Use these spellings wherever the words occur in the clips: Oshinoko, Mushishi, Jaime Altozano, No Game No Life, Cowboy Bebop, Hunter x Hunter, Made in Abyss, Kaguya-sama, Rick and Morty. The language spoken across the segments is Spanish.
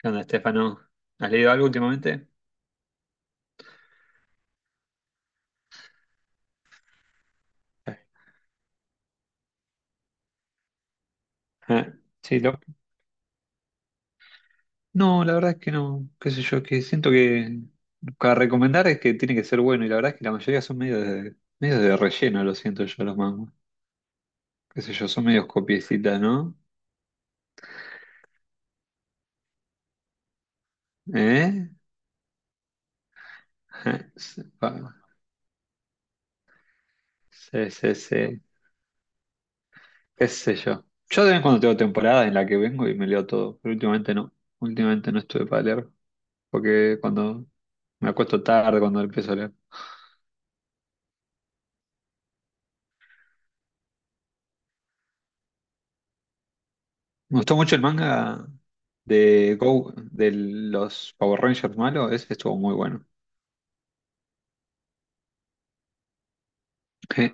¿Qué onda, Estefano? ¿Has leído algo últimamente? Ah, sí, no, la verdad es que no, qué sé yo, que siento que para recomendar es que tiene que ser bueno y la verdad es que la mayoría son medio de relleno, lo siento yo, los mangos. Qué sé yo, son medios copiecitas, ¿no? ¿Eh? Ah, sí, sí, sí, sí, qué sé yo. Yo de vez en cuando tengo temporadas en la que vengo y me leo todo, pero últimamente no estuve para leer, porque cuando me acuesto tarde, cuando empiezo a leer. Me gustó mucho el manga de Go, de los Power Rangers malos, ese estuvo muy bueno. Je.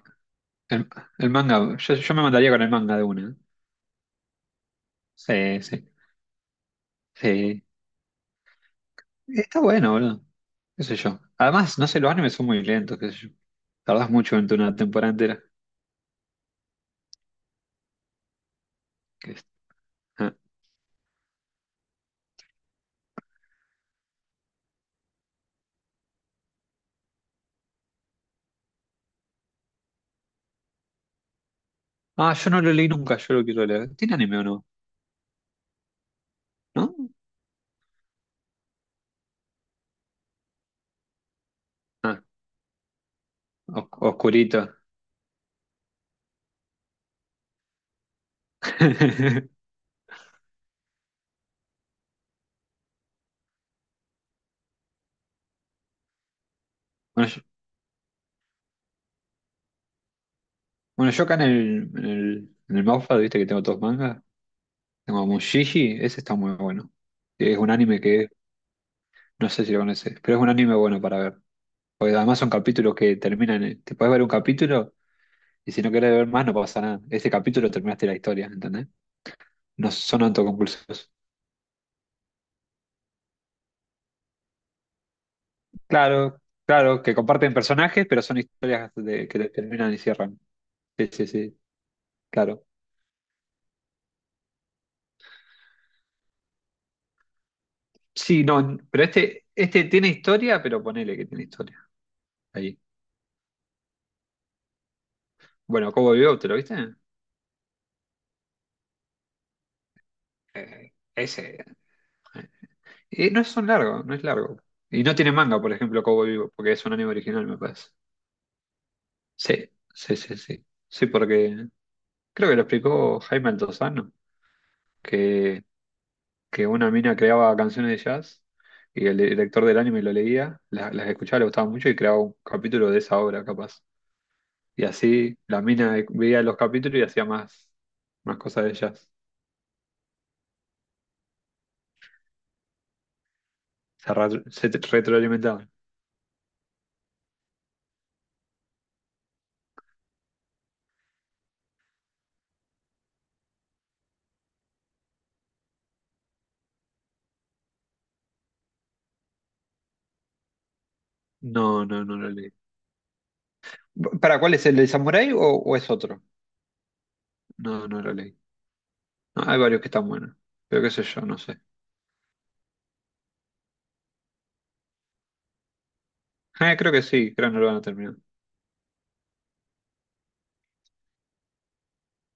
El, el manga, yo me mandaría con el manga de una. Sí, sí, sí. Está bueno, boludo. Qué sé yo. Además, no sé, los animes son muy lentos, qué sé yo. Tardás mucho en una temporada entera. Que es- Ah. Ah, yo no lo leí nunca, yo lo quiero leer. ¿Tiene anime o no? ¿No? Ah, oscurito. Bueno, yo, bueno, yo acá en el, en el Wattpad, viste que tengo todos mangas. Tengo Mushishi, ese está muy bueno. Es un anime que, no sé si lo conoces, pero es un anime bueno para ver. Porque además son capítulos que terminan, te puedes ver un capítulo y si no querés ver más no pasa nada. Este capítulo terminaste la historia, ¿entendés? No son autoconclusivos. Claro, claro, que comparten personajes, pero son historias que terminan y cierran. Sí, sí, sí, claro. Sí, no, pero este tiene historia, pero ponele que tiene historia. Ahí. Bueno, Cowboy Bebop, ¿te lo viste? Ese. No es tan largo, no es largo. Y no tiene manga, por ejemplo, Cowboy Vivo, porque es un anime original, me parece. Sí, sí, sí, sí. Sí, porque creo que lo explicó Jaime Altozano, que, que una mina creaba canciones de jazz y el director del anime lo leía, las, escuchaba, le gustaba mucho y creaba un capítulo de esa obra, capaz. Y así la mina veía los capítulos y hacía más, más cosas de jazz. Se retroalimentaban. No, no, no lo leí. ¿Para cuál es el de Samurai o es otro? No, no lo leí. No, hay varios que están buenos. Pero qué sé yo, no sé. Creo que sí, creo que no lo van a terminar.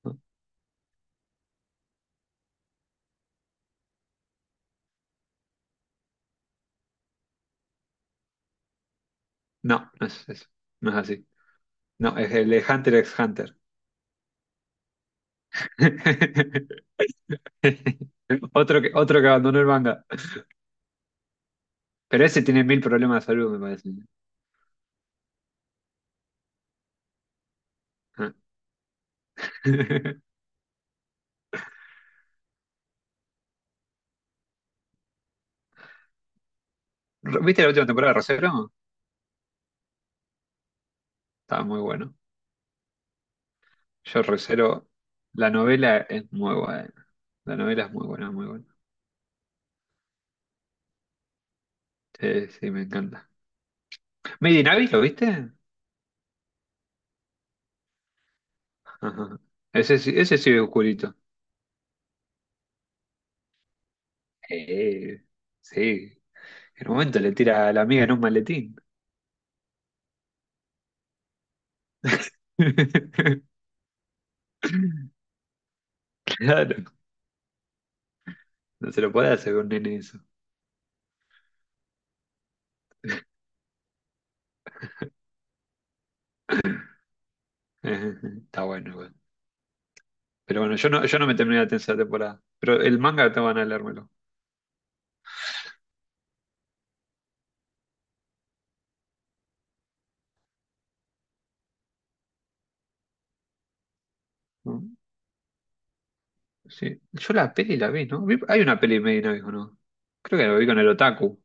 No, no es eso. No es así. No, es el de Hunter x Hunter. Otro que abandonó el manga. Pero ese tiene mil problemas de salud, me parece. Ah. ¿Viste la última temporada de Rosero? Estaba muy bueno. Yo Rosero, la novela es muy buena. La novela es muy buena, muy buena. Sí, sí, me encanta. Made in Abyss, ¿lo viste? Ajá. Ese sí es oscurito. Eh, sí. En un momento le tira a la amiga en un maletín. Claro, no se lo puede hacer con nene eso. Ajá, ajá. Está bueno igual. Pero bueno, yo no, yo no me terminé la tercera temporada. Pero el manga te van a leérmelo. ¿No? Sí. Yo la peli la vi, ¿no? Hay una peli medio, ¿no? ¿No? Creo que la vi con el otaku.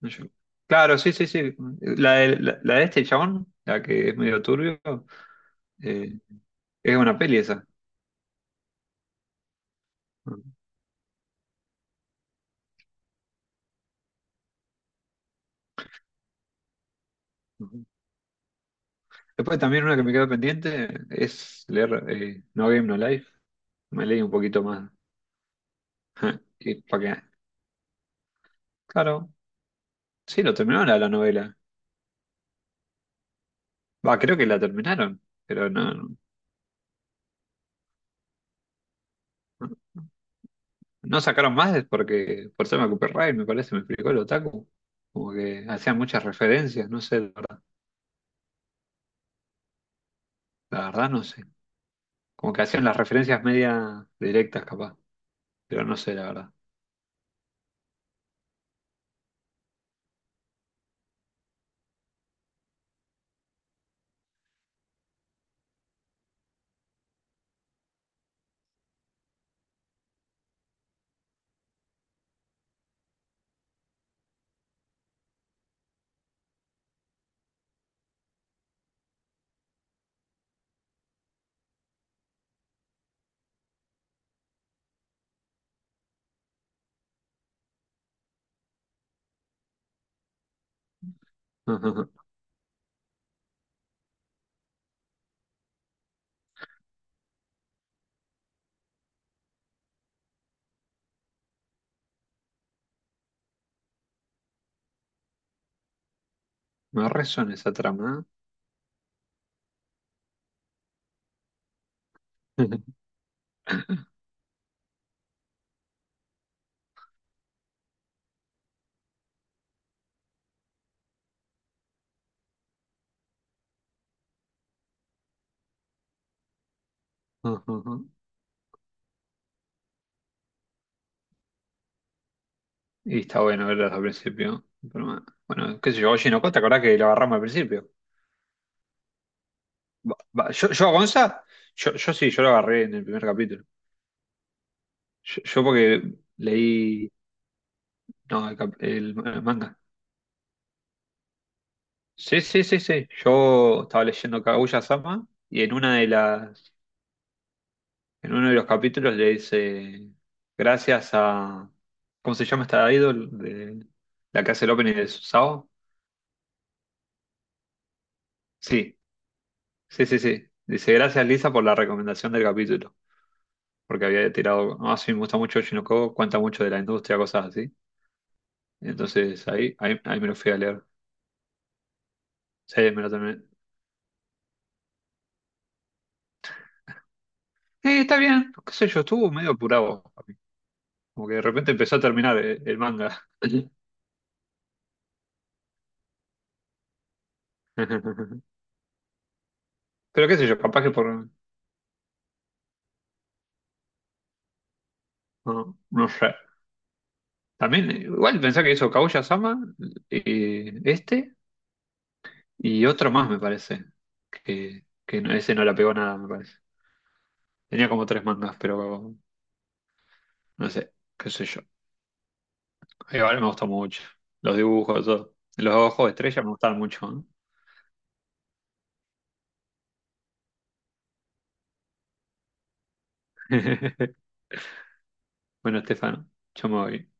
No, claro, sí, sí, sí. La de, la de este chabón, la que es medio turbio, eh, es una peli esa. Ujú. Después también una que me quedó pendiente es leer No Game No Life. Me leí un poquito más. Ja. Y para, claro, sí, lo terminaron la, la novela. Va, creo que la terminaron, pero no, sacaron más es porque por tema copyright, me parece, me explicó el otaku. Como que hacían muchas referencias, no sé, la verdad no sé. Como que hacían las referencias media directas, capaz, pero no sé, la verdad. Me resuena esa trama. ¿Eh? Ujú. Y está bueno verlas al principio. Pero, bueno, bueno, qué sé yo. Oye, no, ¿te acordás que lo agarramos al principio? Va- yo a Gonza, yo sí, yo lo agarré en el primer capítulo. Yo porque leí no, el, cap- el ma- el manga. Sí, sí, sí, sí. Yo estaba leyendo Kaguya-sama y en una de las, en uno de los capítulos le dice gracias a ¿cómo se llama esta idol de la que hace el opening de Sao? Sí, sí, sí, sí. Dice gracias Lisa por la recomendación del capítulo, porque había tirado, ah, sí, me gusta mucho Oshinoko, cuenta mucho de la industria, cosas así. Entonces ahí me lo fui a leer. Sí, me lo terminé. Sí, está bien, qué sé yo, estuvo medio apurado. Como que de repente empezó a terminar el manga. Pero qué sé yo, capaz que por... No, no sé. También, igual pensá que hizo Kaguya-sama, este, y otro más me parece. Que, ese no la pegó nada, me parece. Tenía como tres mangas, pero no sé, qué sé yo. Igual me gustó mucho. Los dibujos, todo. Los ojos de estrella me gustaron mucho, ¿no? Bueno, Estefano, yo me voy.